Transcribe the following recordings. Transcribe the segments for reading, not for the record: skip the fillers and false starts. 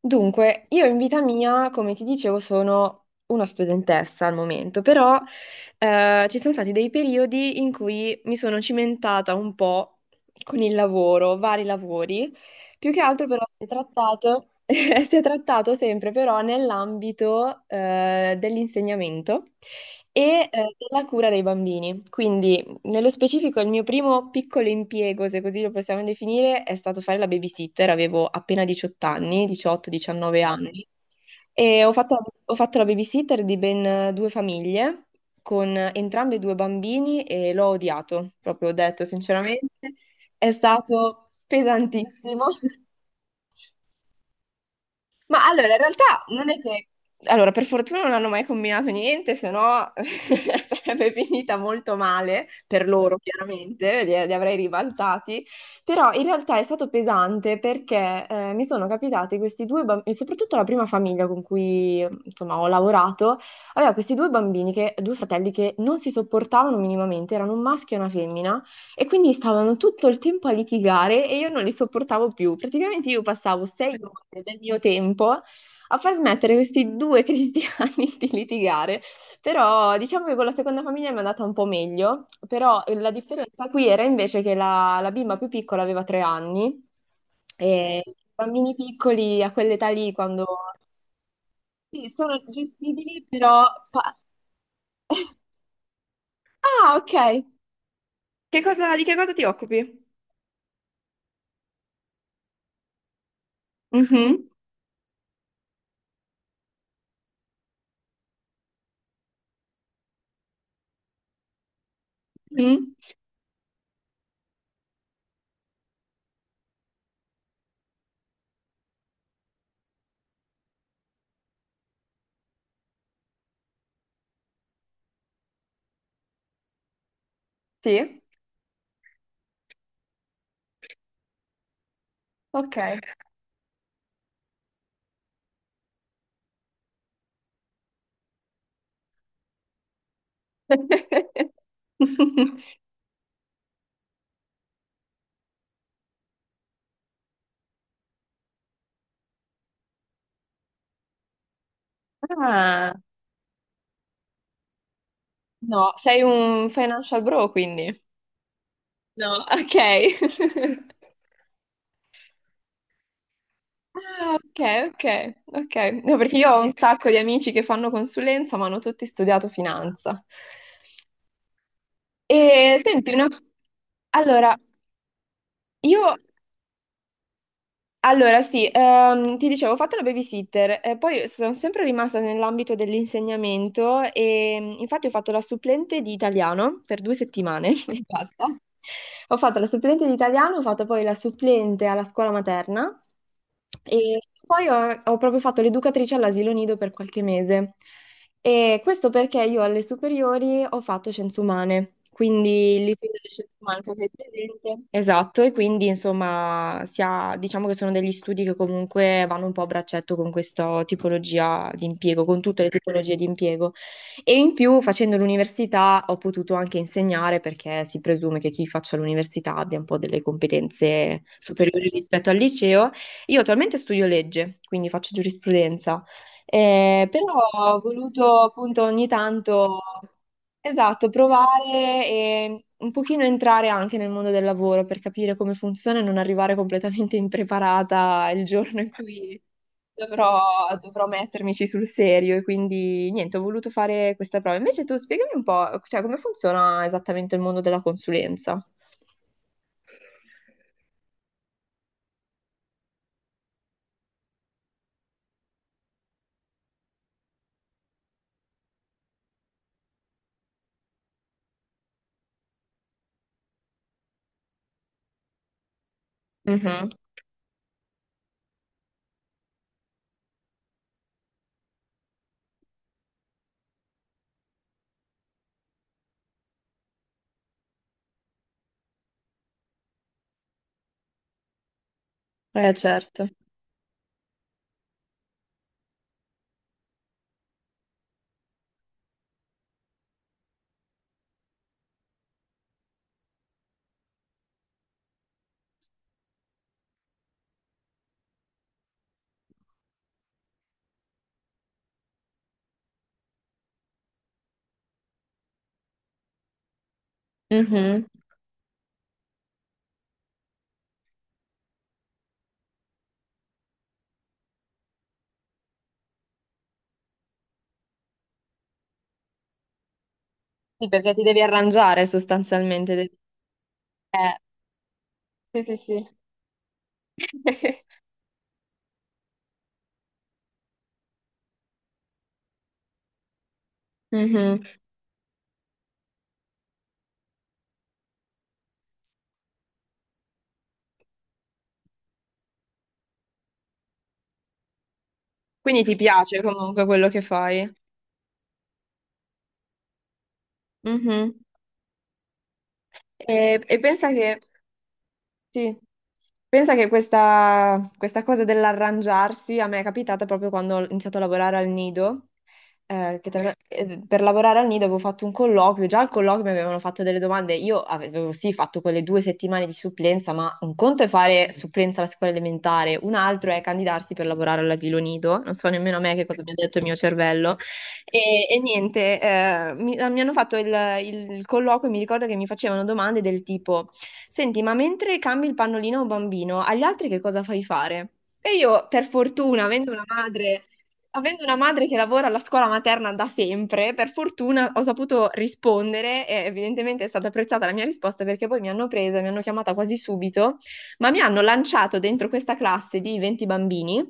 Dunque, io in vita mia, come ti dicevo, sono una studentessa al momento, però ci sono stati dei periodi in cui mi sono cimentata un po' con il lavoro, vari lavori, più che altro però si è trattato, si è trattato sempre però nell'ambito dell'insegnamento e della cura dei bambini. Quindi nello specifico il mio primo piccolo impiego, se così lo possiamo definire, è stato fare la babysitter. Avevo appena 18 anni, 18-19 anni, e ho fatto la babysitter di ben due famiglie con entrambi due bambini e l'ho odiato, proprio ho detto sinceramente, è stato pesantissimo. Ma allora, in realtà non è che. Allora, per fortuna non hanno mai combinato niente, se no sarebbe finita molto male per loro, chiaramente, li avrei ribaltati, però in realtà è stato pesante perché mi sono capitati questi due bambini, soprattutto la prima famiglia con cui insomma ho lavorato, aveva questi due bambini, due fratelli che non si sopportavano minimamente, erano un maschio e una femmina. E quindi stavano tutto il tempo a litigare e io non li sopportavo più. Praticamente io passavo 6 ore del mio tempo a far smettere questi due cristiani di litigare. Però diciamo che con la seconda famiglia mi è andata un po' meglio, però la differenza qui era invece che la bimba più piccola aveva 3 anni e i bambini piccoli a quell'età lì quando. Sì, sono gestibili, però. pa- Ah, ok. Che cosa, di che cosa ti occupi? Mhm. Mhm. Sì, ok. Ah, no, sei un financial bro quindi. No, ok. Ah, ok, ok, ok. No, perché io ho un sacco di amici che fanno consulenza, ma hanno tutti studiato finanza. E senti, una. allora, io Allora, sì, ti dicevo, ho fatto la babysitter, poi sono sempre rimasta nell'ambito dell'insegnamento e infatti ho fatto la supplente di italiano per 2 settimane e basta. Ho fatto la supplente di italiano, ho fatto poi la supplente alla scuola materna e poi ho proprio fatto l'educatrice all'asilo nido per qualche mese. E questo perché io alle superiori ho fatto scienze umane, quindi il liceo delle scienze umane, non so se è presente. Esatto, e quindi insomma diciamo che sono degli studi che comunque vanno un po' a braccetto con questa tipologia di impiego, con tutte le tipologie di impiego. E in più facendo l'università ho potuto anche insegnare perché si presume che chi faccia l'università abbia un po' delle competenze superiori rispetto al liceo. Io attualmente studio legge, quindi faccio giurisprudenza, però ho voluto appunto ogni tanto, esatto, provare e un pochino entrare anche nel mondo del lavoro per capire come funziona e non arrivare completamente impreparata il giorno in cui dovrò mettermici sul serio. E quindi niente, ho voluto fare questa prova. Invece tu spiegami un po', cioè, come funziona esattamente il mondo della consulenza. Mhm. Certo. Mhm. Sì, perché ti devi arrangiare sostanzialmente. Eh, Sì, sì, sì. eh. Mhm. Quindi ti piace comunque quello che fai. Mhm. E pensa che Sì. Pensa che questa cosa dell'arrangiarsi a me è capitata proprio quando ho iniziato a lavorare al nido, che per lavorare al nido avevo fatto un colloquio, già al colloquio mi avevano fatto delle domande, io avevo sì fatto quelle 2 settimane di supplenza, ma un conto è fare supplenza alla scuola elementare, un altro è candidarsi per lavorare all'asilo nido, non so nemmeno a me che cosa mi ha detto il mio cervello. E niente, mi hanno fatto il colloquio e mi ricordo che mi facevano domande del tipo: senti, ma mentre cambi il pannolino a un bambino, agli altri che cosa fai fare? E io, per fortuna, avendo una madre che lavora alla scuola materna da sempre, per fortuna ho saputo rispondere e evidentemente è stata apprezzata la mia risposta perché poi mi hanno presa, mi hanno chiamata quasi subito ma mi hanno lanciato dentro questa classe di 20 bambini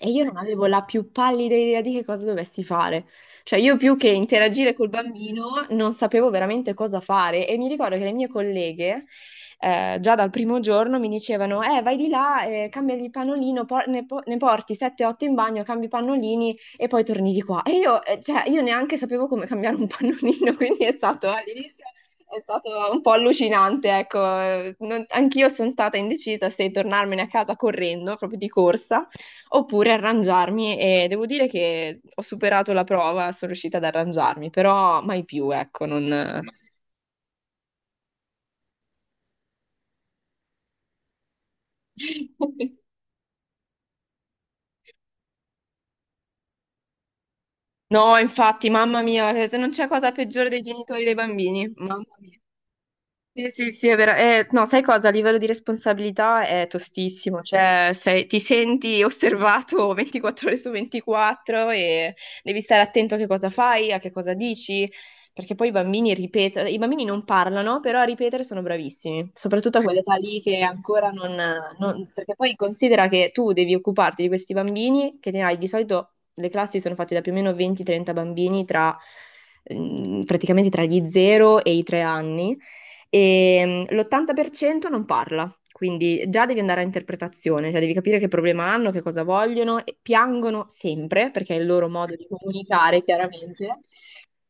e io non avevo la più pallida idea di che cosa dovessi fare. Cioè, io più che interagire col bambino non sapevo veramente cosa fare e mi ricordo che le mie colleghe già dal primo giorno mi dicevano, vai di là, cambiagli il pannolino, ne porti 7-8 in bagno, cambi i pannolini e poi torni di qua. E io, cioè, io neanche sapevo come cambiare un pannolino, quindi è stato un po' allucinante, ecco. Anch'io sono stata indecisa se tornarmene a casa correndo, proprio di corsa, oppure arrangiarmi e devo dire che ho superato la prova, sono riuscita ad arrangiarmi, però mai più, ecco, non. No, infatti, mamma mia, se non c'è cosa peggiore dei genitori dei bambini, mamma mia. Sì, sì, sì, è vero. No, sai cosa? A livello di responsabilità è tostissimo, cioè ti senti osservato 24 ore su 24 e devi stare attento a che cosa fai, a che cosa dici, perché poi i bambini ripetono, i bambini non parlano, però a ripetere sono bravissimi, soprattutto a quell'età lì che ancora non, perché poi considera che tu devi occuparti di questi bambini, che ne hai di solito, le classi sono fatte da più o meno 20-30 bambini tra. Praticamente tra gli 0 e i 3 anni e l'80% non parla, quindi già devi andare a interpretazione, cioè devi capire che problema hanno, che cosa vogliono, e piangono sempre perché è il loro modo di comunicare chiaramente.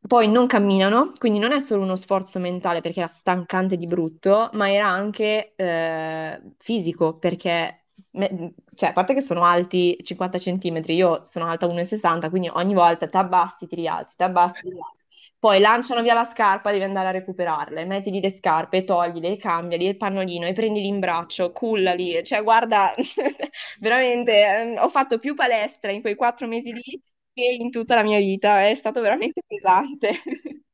Poi non camminano, quindi non è solo uno sforzo mentale perché era stancante di brutto, ma era anche fisico perché, cioè, a parte che sono alti 50 centimetri, io sono alta 1,60, quindi ogni volta ti abbassi, ti rialzi, ti abbassi, ti rialzi. Poi lanciano via la scarpa, devi andare a recuperarle, mettili le scarpe, toglile, cambiali il pannolino e prendili in braccio, cullali, cioè guarda. Veramente, ho fatto più palestra in quei 4 mesi lì che in tutta la mia vita, è stato veramente pesante.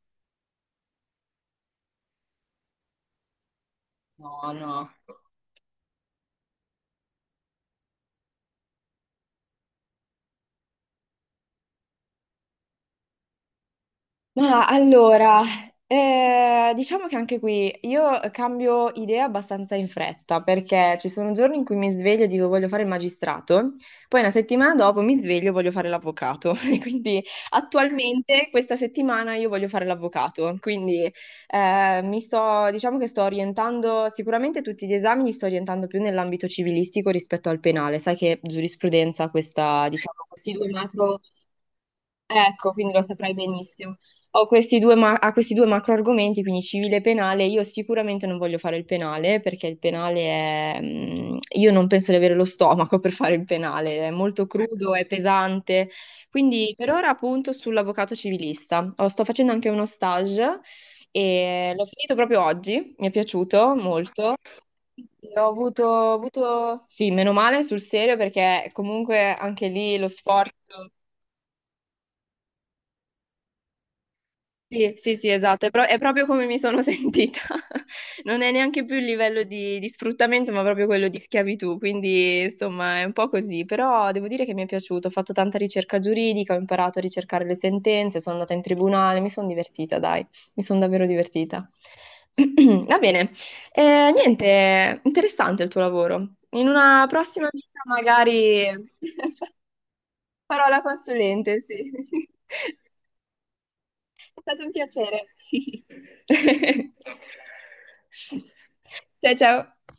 No, no. Ma allora, diciamo che anche qui io cambio idea abbastanza in fretta, perché ci sono giorni in cui mi sveglio e dico voglio fare il magistrato, poi una settimana dopo mi sveglio e voglio fare l'avvocato. E quindi attualmente questa settimana io voglio fare l'avvocato, quindi mi sto, diciamo che sto orientando, sicuramente tutti gli esami li sto orientando più nell'ambito civilistico rispetto al penale, sai che giurisprudenza questa, diciamo, questi due macro. Ecco, quindi lo saprai benissimo. Ho questi due macro argomenti, quindi civile e penale. Io sicuramente non voglio fare il penale perché il penale è... mm, Io non penso di avere lo stomaco per fare il penale, è molto crudo, è pesante. Quindi per ora appunto sull'avvocato civilista. Sto facendo anche uno stage e l'ho finito proprio oggi, mi è piaciuto molto. Sì, meno male sul serio perché comunque anche lì lo sforzo. Sì, sì, sì, esatto, è, è proprio come mi sono sentita. Non è neanche più il livello di sfruttamento, ma proprio quello di schiavitù, quindi insomma è un po' così, però devo dire che mi è piaciuto, ho fatto tanta ricerca giuridica, ho imparato a ricercare le sentenze, sono andata in tribunale, mi sono divertita, dai, mi sono davvero divertita. Va bene, niente, interessante il tuo lavoro. In una prossima vita magari farò la consulente, sì. È stato un piacere. Ciao ciao.